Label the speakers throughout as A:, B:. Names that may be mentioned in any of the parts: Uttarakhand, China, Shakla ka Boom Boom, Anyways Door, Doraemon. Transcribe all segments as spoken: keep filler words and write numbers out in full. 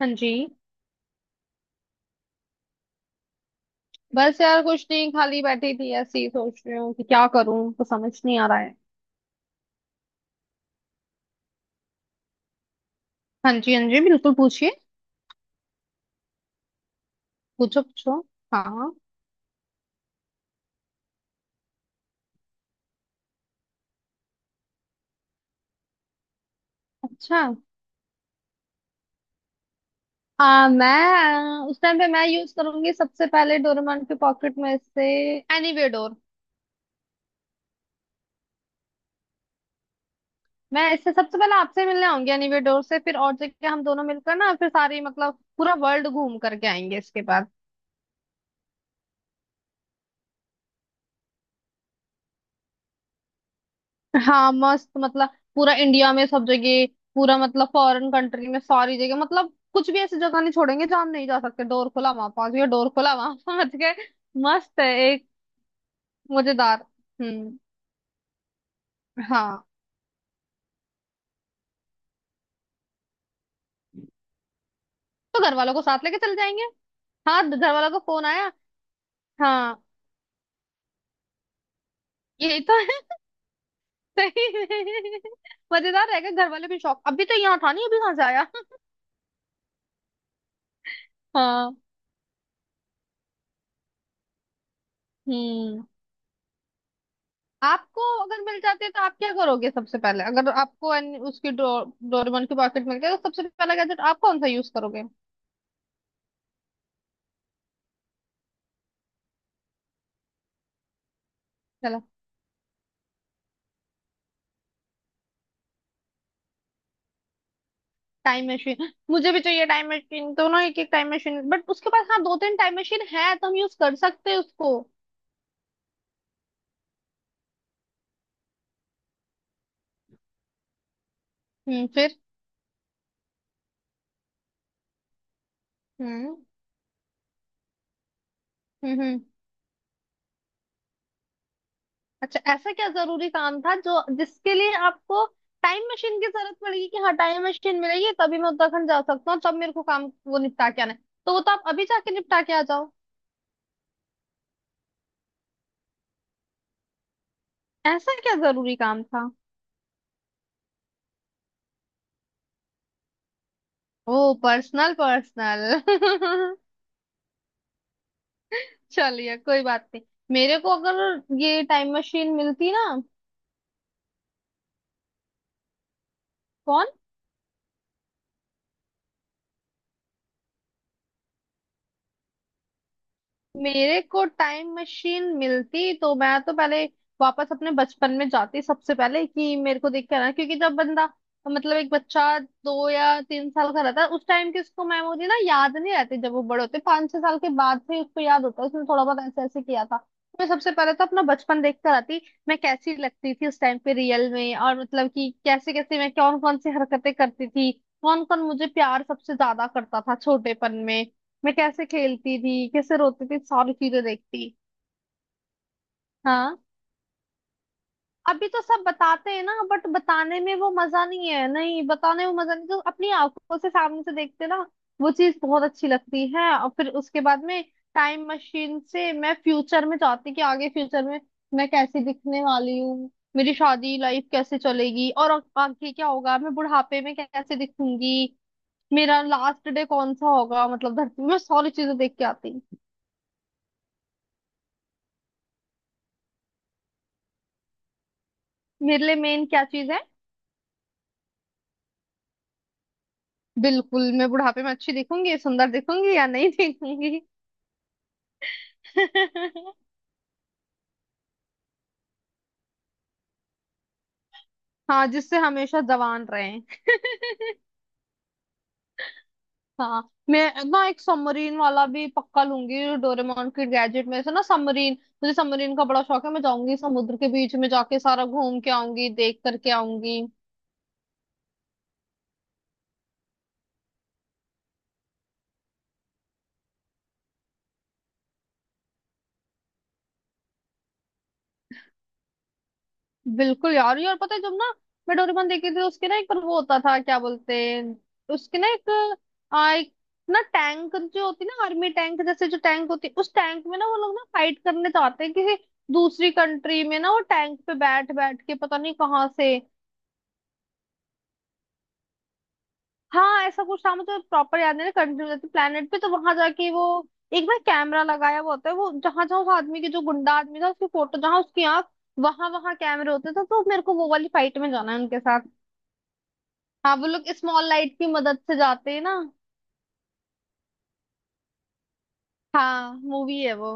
A: हाँ जी। बस यार कुछ नहीं, खाली बैठी थी, ऐसे ही सोच रही हूँ कि क्या करूँ, तो समझ नहीं आ रहा है। हाँ जी हाँ जी, बिल्कुल पूछिए। पूछो पूछो। हाँ हाँ। अच्छा। आ, मैं उस टाइम पे मैं यूज करूंगी सबसे पहले डोरेमोन के पॉकेट में से एनीवे डोर। मैं इससे सबसे पहले आपसे मिलने आऊंगी एनीवे डोर से, फिर और जगह हम दोनों मिलकर ना, फिर सारी मतलब पूरा वर्ल्ड घूम करके आएंगे इसके बाद। हाँ मस्त मतलब पूरा इंडिया में सब जगह, पूरा मतलब फॉरेन कंट्री में सारी जगह, मतलब कुछ भी ऐसी जगह नहीं छोड़ेंगे जहाँ हम नहीं जा सकते। डोर खुला वहां पहुंच गए, डोर खुला वहां पहुंच गए। मस्त है। एक मजेदार। हम्म। हाँ तो घर वालों को साथ लेके चल जाएंगे। हाँ घर वालों का फोन आया। हाँ, यही तो है। सही है। मजेदार रहेगा, घर वाले भी शौक, अभी तो यहाँ था नहीं, अभी कहाँ से आया। हाँ। हम्म। आपको अगर मिल जाते हैं तो आप क्या करोगे सबसे पहले, अगर आपको एन- उसकी डो, डोरेमोन की पॉकेट मिल गया, तो सबसे पहला गैजेट आप कौन सा यूज करोगे। चलो, टाइम मशीन मुझे भी चाहिए, टाइम मशीन दोनों एक एक टाइम मशीन, बट उसके पास हाँ दो तीन टाइम मशीन है, तो हम यूज कर सकते हैं उसको। हम्म फिर। हम्म हम्म हम्म। अच्छा ऐसा क्या जरूरी काम था जो जिसके लिए आपको टाइम मशीन की जरूरत पड़ेगी कि हाँ टाइम मशीन मिलेगी तभी मैं उत्तराखंड जा सकता हूँ, तब मेरे को काम वो निपटा के आना है। तो वो तो आप अभी जाके निपटा के आ जाओ। ऐसा क्या जरूरी काम था। ओ पर्सनल पर्सनल। चलिए कोई बात नहीं। मेरे को अगर ये टाइम मशीन मिलती ना। कौन। मेरे को टाइम मशीन मिलती तो मैं तो पहले वापस अपने बचपन में जाती सबसे पहले, कि मेरे को देख के आना, क्योंकि जब बंदा मतलब एक बच्चा दो या तीन साल का रहता है उस टाइम की उसको मेमोरी ना याद नहीं रहती। जब वो बड़े होते पाँच छह साल के बाद से उसको याद होता है उसने थोड़ा बहुत ऐसे ऐसे किया था। मैं सबसे पहले तो अपना बचपन देख कर आती, मैं कैसी लगती थी उस टाइम पे रियल में, और मतलब कि कैसे कैसे मैं कौन कौन सी हरकतें करती थी, कौन कौन मुझे प्यार सबसे ज्यादा करता था छोटेपन में, मैं कैसे खेलती थी, कैसे रोती थी, सारी चीजें देखती। हाँ, अभी तो सब बताते हैं ना, बट बताने में वो मजा नहीं है, नहीं बताने में मजा नहीं, तो अपनी आंखों से सामने से देखते ना, वो चीज बहुत अच्छी लगती है। और फिर उसके बाद में टाइम मशीन से मैं फ्यूचर में चाहती कि आगे फ्यूचर में मैं कैसी दिखने वाली हूँ, मेरी शादी लाइफ कैसे चलेगी और अब आगे क्या होगा, मैं बुढ़ापे में कैसे दिखूंगी, मेरा लास्ट डे कौन सा होगा, मतलब धरती में मैं सारी चीजें देख के आती। मेरे लिए मेन क्या चीज है। बिल्कुल मैं बुढ़ापे में अच्छी दिखूंगी सुंदर दिखूंगी या नहीं दिखूंगी। हाँ, जिससे हमेशा जवान रहे। हाँ, मैं ना एक सबमरीन वाला भी पक्का लूंगी डोरेमोन के गैजेट में से, ना सबमरीन, मुझे सबमरीन का बड़ा शौक है। मैं जाऊंगी समुद्र के बीच में जाके सारा घूम के आऊंगी, देख करके आऊंगी। बिल्कुल यार। ये, और पता है जब ना मैं डोरेमोन देखी थी, उसके ना एक पर वो होता था, क्या बोलते हैं, उसके ना एक आ, एक ना टैंक जो होती है ना, आर्मी टैंक जैसे जो टैंक होती है, उस टैंक में ना वो लोग ना फाइट करने जाते हैं किसी दूसरी कंट्री में, ना वो टैंक पे बैठ बैठ के पता नहीं कहाँ से। हाँ ऐसा कुछ था, मुझे प्रॉपर याद नहीं, कंट्री में प्लेनेट पे, तो वहां जाके वो एक ना कैमरा लगाया हुआ होता है, वो जहां जहां उस आदमी की, जो गुंडा आदमी था उसकी फोटो, जहां उसकी आंख, वहां वहां कैमरे होते थे। तो मेरे को वो वाली फाइट में जाना है उनके साथ। हाँ वो लोग स्मॉल लाइट की मदद से जाते हैं ना। हाँ, मूवी है वो।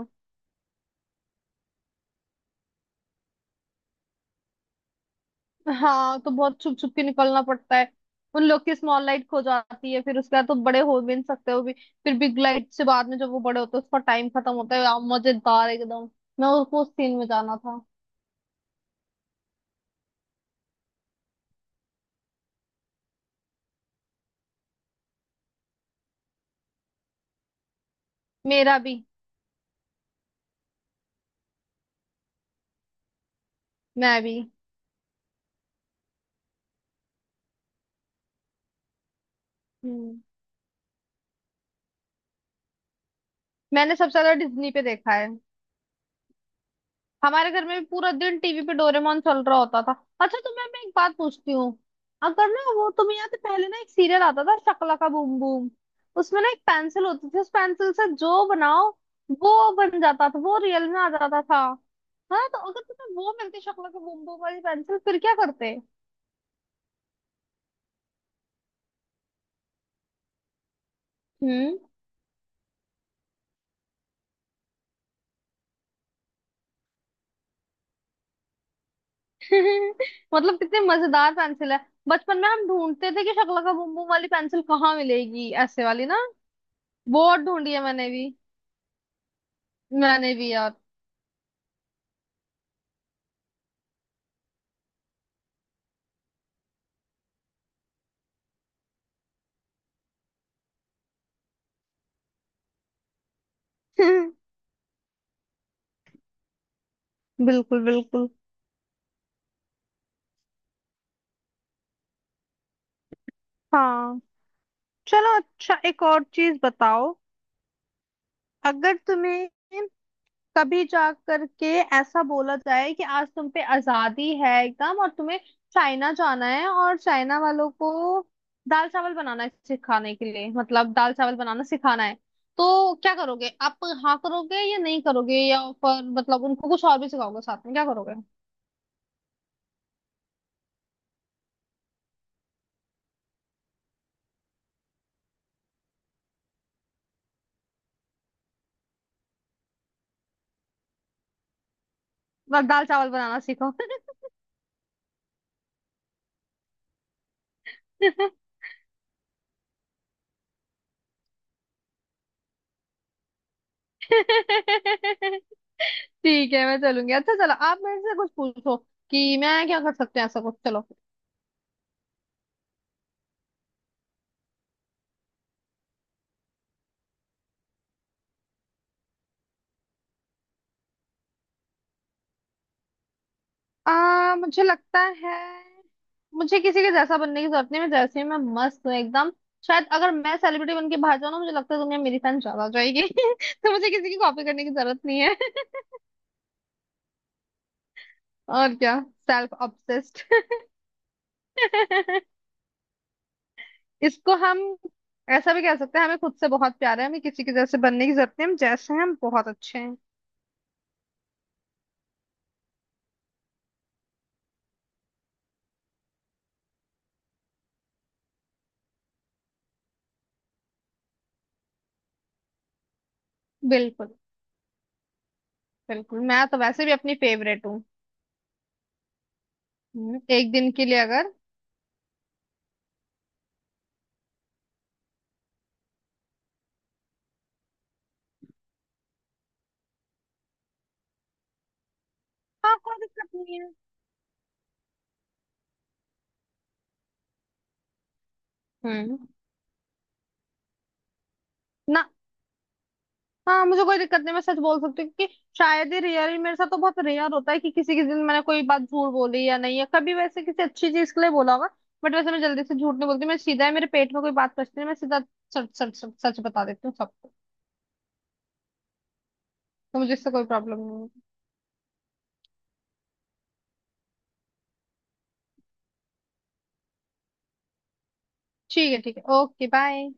A: हाँ तो बहुत छुप छुप के निकलना पड़ता है। उन लोग की स्मॉल लाइट खो जाती है, फिर उसके बाद तो बड़े हो भी नहीं सकते वो भी, फिर बिग लाइट से बाद में जब वो बड़े होते हैं, उसका टाइम खत्म होता है यार, मजेदार एकदम। मैं उसको उस सीन में जाना था। मेरा भी। मैं भी। हम्म। मैंने सबसे ज्यादा डिज्नी पे देखा है। हमारे घर में भी पूरा दिन टीवी पे डोरेमोन चल रहा होता था। अच्छा तुम्हें मैं एक बात पूछती हूँ, अगर ना, वो तुम्हें याद है पहले ना एक सीरियल आता था शकला का बूम बूम, उसमें ना एक पेंसिल होती थी, उस पेंसिल से जो बनाओ वो बन जाता था, वो रियल में आ जाता था। हाँ, तो अगर तुम्हें वो मिलती शकला का बूम बूम वाली पेंसिल, फिर क्या करते। हम्म। मतलब कितनी मजेदार पेंसिल है। बचपन में हम ढूंढते थे कि शकला का बूम बूम वाली पेंसिल कहाँ मिलेगी, ऐसे वाली ना। बहुत ढूंढी है मैंने भी। मैंने भी यार। बिल्कुल बिल्कुल। हाँ। चलो अच्छा एक और चीज बताओ, अगर तुम्हें कभी जा करके ऐसा बोला जाए कि आज तुम पे आजादी है एकदम, और तुम्हें चाइना जाना है, और चाइना वालों को दाल चावल बनाना है सिखाने के लिए, मतलब दाल चावल बनाना सिखाना है, तो क्या करोगे आप। हाँ करोगे या नहीं करोगे, या फिर मतलब उनको कुछ और भी सिखाओगे साथ में, क्या करोगे। बस दाल चावल बनाना सीखो। ठीक है मैं चलूंगी। अच्छा चलो आप मेरे से कुछ पूछो कि मैं क्या कर सकते हैं, ऐसा कुछ, चलो। आ, मुझे लगता है, मुझे किसी के जैसा बनने की जरूरत नहीं, मैं जैसे ही मैं मस्त हूँ एकदम। शायद अगर मैं सेलिब्रिटी बन के बाहर जाऊँ ना, मुझे लगता है दुनिया मेरी फैन ज्यादा हो जाएगी। तो मुझे किसी की कॉपी करने की जरूरत नहीं है। और क्या, सेल्फ ऑब्सेस्ड। इसको हम ऐसा भी कह सकते हैं, हमें खुद से बहुत प्यार है, हमें किसी के जैसे बनने की जरूरत नहीं है, हम जैसे हैं हम बहुत अच्छे हैं। बिल्कुल बिल्कुल, मैं तो वैसे भी अपनी फेवरेट हूँ। हम्म, एक दिन के लिए अगर। हाँ कोई दिक्कत नहीं है। हम्म। ना। हाँ मुझे कोई दिक्कत नहीं, मैं सच बोल सकती हूँ, क्योंकि शायद ही, रेयर ही मेरे साथ तो बहुत रेयर होता है कि किसी के दिन मैंने कोई बात झूठ बोली या नहीं, है कभी वैसे किसी अच्छी चीज के लिए बोला होगा। बट वैसे मैं जल्दी से झूठ नहीं बोलती, मैं सीधा है मेरे पेट में कोई बात पचती है मैं सीधा सच सच सच सच बता देती हूँ सबको। तो मुझे इससे कोई प्रॉब्लम नहीं है। ठीक है ठीक है ओके बाय।